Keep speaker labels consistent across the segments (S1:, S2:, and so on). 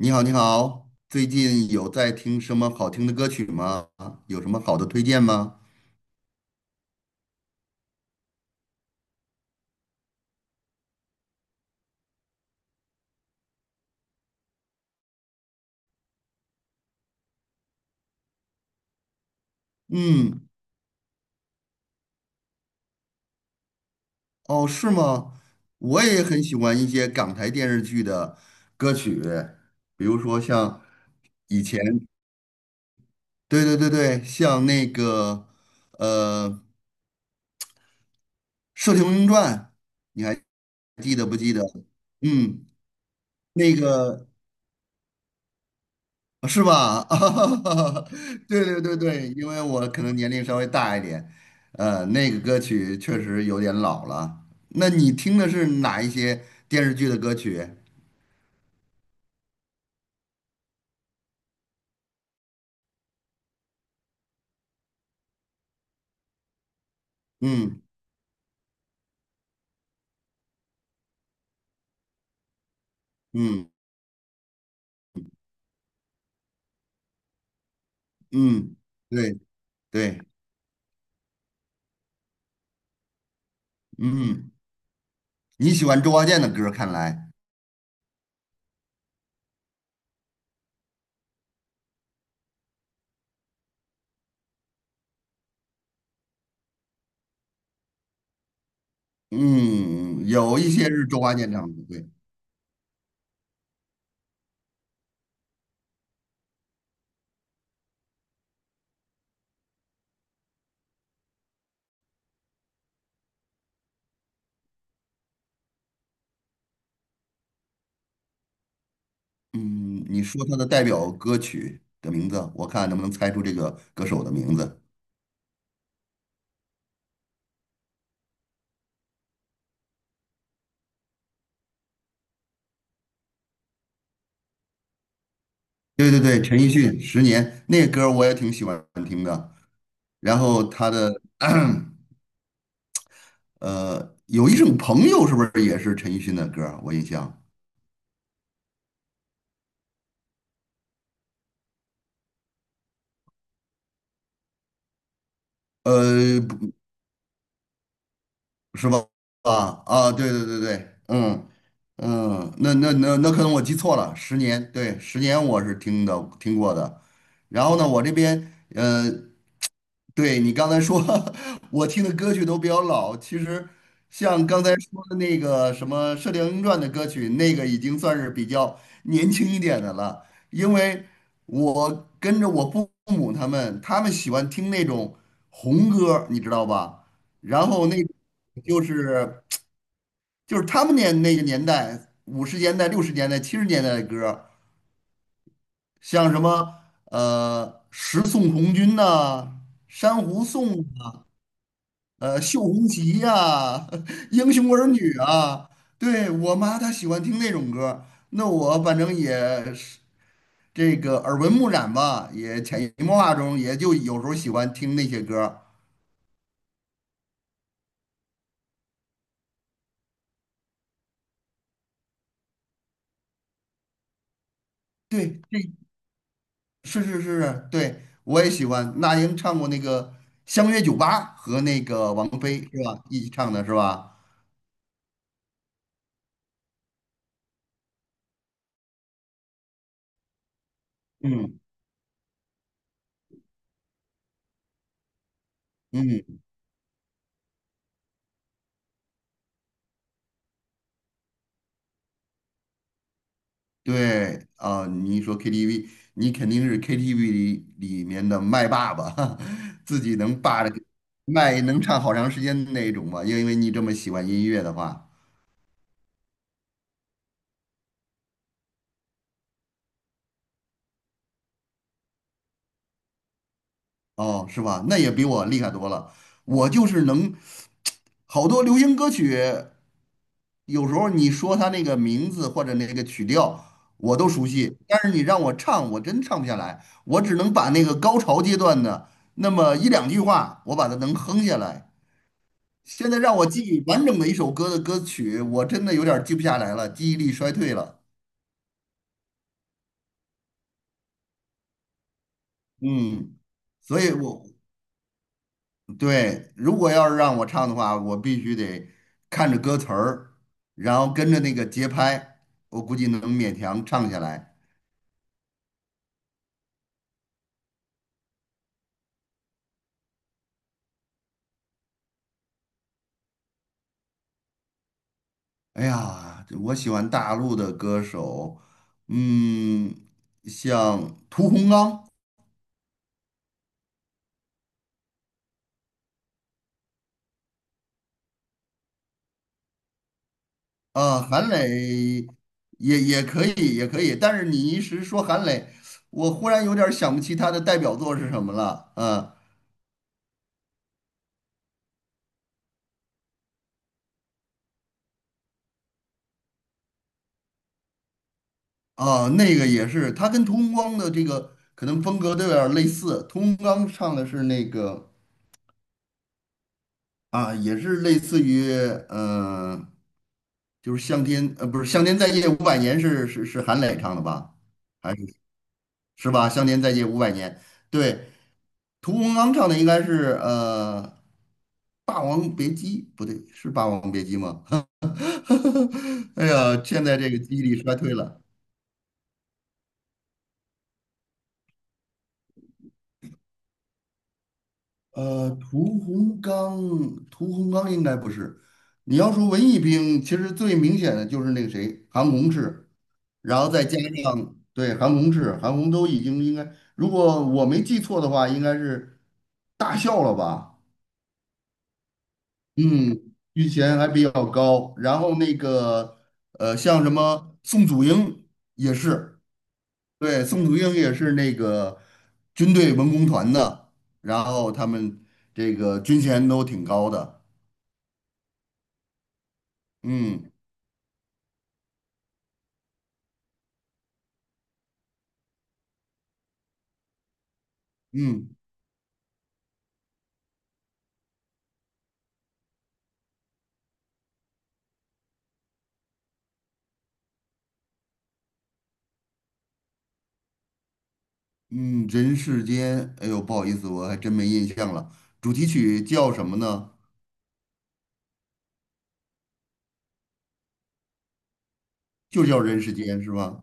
S1: 你好，你好，最近有在听什么好听的歌曲吗？有什么好的推荐吗？嗯，哦，是吗？我也很喜欢一些港台电视剧的歌曲，比如说像以前，对对对对，像那个呃《射雕英雄传》，你还记得不记得？嗯，那个是吧？啊，对对对对，因为我可能年龄稍微大一点，那个歌曲确实有点老了。那你听的是哪一些电视剧的歌曲？嗯嗯嗯，对对，嗯，你喜欢周华健的歌，看来，嗯，有一些是周华健唱的，对，嗯，你说他的代表歌曲的名字，我看能不能猜出这个歌手的名字？对对对，陈奕迅《十年》那个歌我也挺喜欢听的。然后他的有一种朋友是不是也是陈奕迅的歌儿我印象，呃，不是吧？啊啊，对对对对，嗯嗯，那可能我记错了，十年，对，十年我是听过的。然后呢，我这边。对你刚才说，我听的歌曲都比较老。其实，像刚才说的那个什么《射雕英雄传》的歌曲，那个已经算是比较年轻一点的了。因为我跟着我父母他们，他们喜欢听那种红歌，你知道吧？然后那就是就是他们那个年代，50年代、60年代、70年代的歌，像什么《十送红军》呐，《珊瑚颂》绣红旗呀、英雄儿女啊，对，我妈她喜欢听那种歌儿那我反正也是这个耳闻目染吧，也潜移默化中也就有时候喜欢听那些歌儿。对，这是是是，对，我也喜欢。那英唱过那个《相约九八》和那个王菲是吧？一起唱的是吧？嗯嗯。对啊，你一说 KTV，你肯定是 KTV 里面的麦霸吧？自己能霸着麦能唱好长时间的那种吧？因为你这么喜欢音乐的话，哦，是吧？那也比我厉害多了。我就是能好多流行歌曲，有时候你说它那个名字或者那个曲调，我都熟悉，但是你让我唱，我真唱不下来。我只能把那个高潮阶段的那么一两句话，我把它能哼下来。现在让我记忆完整的一首歌的歌曲，我真的有点儿记不下来了，记忆力衰退了。嗯，所以我对，如果要是让我唱的话，我必须得看着歌词儿，然后跟着那个节拍，我估计能勉强唱下来。哎呀，我喜欢大陆的歌手，嗯，像屠洪刚。啊，韩磊也可以，也可以，但是你一时说韩磊，我忽然有点儿想不起他的代表作是什么了。啊啊，那个也是，他跟屠洪刚的这个可能风格都有点儿类似。屠洪刚唱的是那个啊，也是类似于嗯，就是《向天》不是《向天再借五百年》是是是韩磊唱的吧？还是是吧？《向天再借五百年》对，屠洪刚唱的应该是《霸王别姬》，不对，是《霸王别姬》吗？哎呀，现在这个记忆力衰退了。呃，屠洪刚，屠洪刚应该不是。你要说文艺兵，其实最明显的就是那个谁，韩红是，然后再加上对韩红是，韩红都已经应该，如果我没记错的话，应该是大笑了吧？嗯，军衔还比较高，然后那个像什么宋祖英也是，对，宋祖英也是那个军队文工团的，然后他们这个军衔都挺高的，嗯嗯嗯，人世间，哎呦，不好意思，我还真没印象了，主题曲叫什么呢？就叫《人世间》是吧？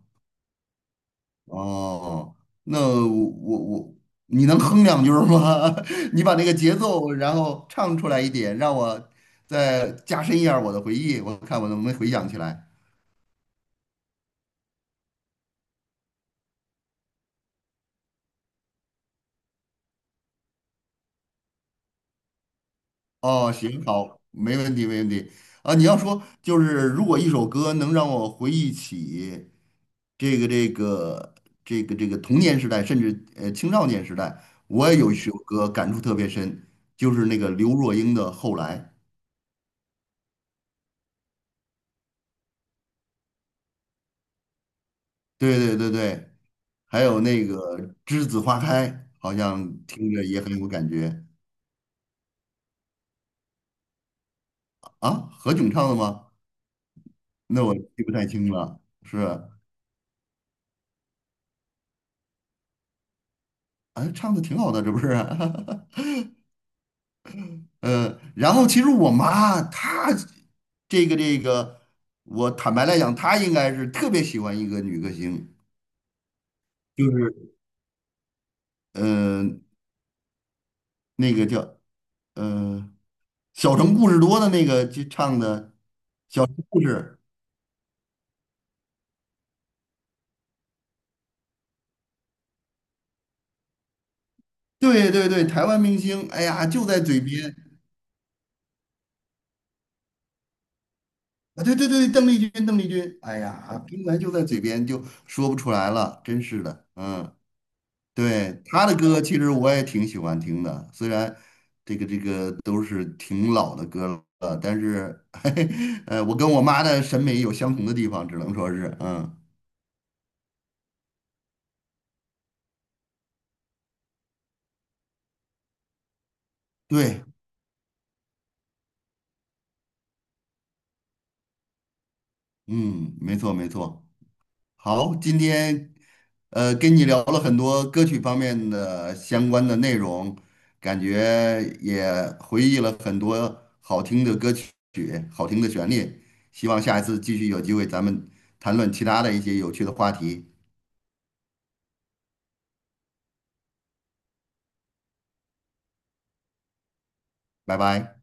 S1: 哦，那我你能哼两句儿吗？你把那个节奏，然后唱出来一点，让我再加深一下我的回忆，我看我能不能回想起来。哦，行，好，没问题，没问题。啊，你要说就是如果一首歌能让我回忆起这个这个这个童年时代，甚至青少年时代，我也有一首歌感触特别深，就是那个刘若英的《后来》。对对对对，还有那个《栀子花开》，好像听着也很有感觉啊。何炅唱的吗？那我记不太清了。是，啊，唱的挺好的，这不是？然后其实我妈她这个，我坦白来讲，她应该是特别喜欢一个女歌星，就是呃那个叫呃《小城故事多》的那个就唱的《小城故事》。对对对，台湾明星，哎呀，就在嘴边啊！对对对，邓丽君，邓丽君，哎呀，平台就在嘴边，就说不出来了，真是的。嗯，对，她的歌其实我也挺喜欢听的，虽然这个都是挺老的歌了，但是，嘿嘿，我跟我妈的审美有相同的地方，只能说是，嗯，对，嗯，没错没错。好，今天跟你聊了很多歌曲方面的相关的内容，感觉也回忆了很多好听的歌曲、好听的旋律。希望下一次继续有机会咱们谈论其他的一些有趣的话题。拜拜。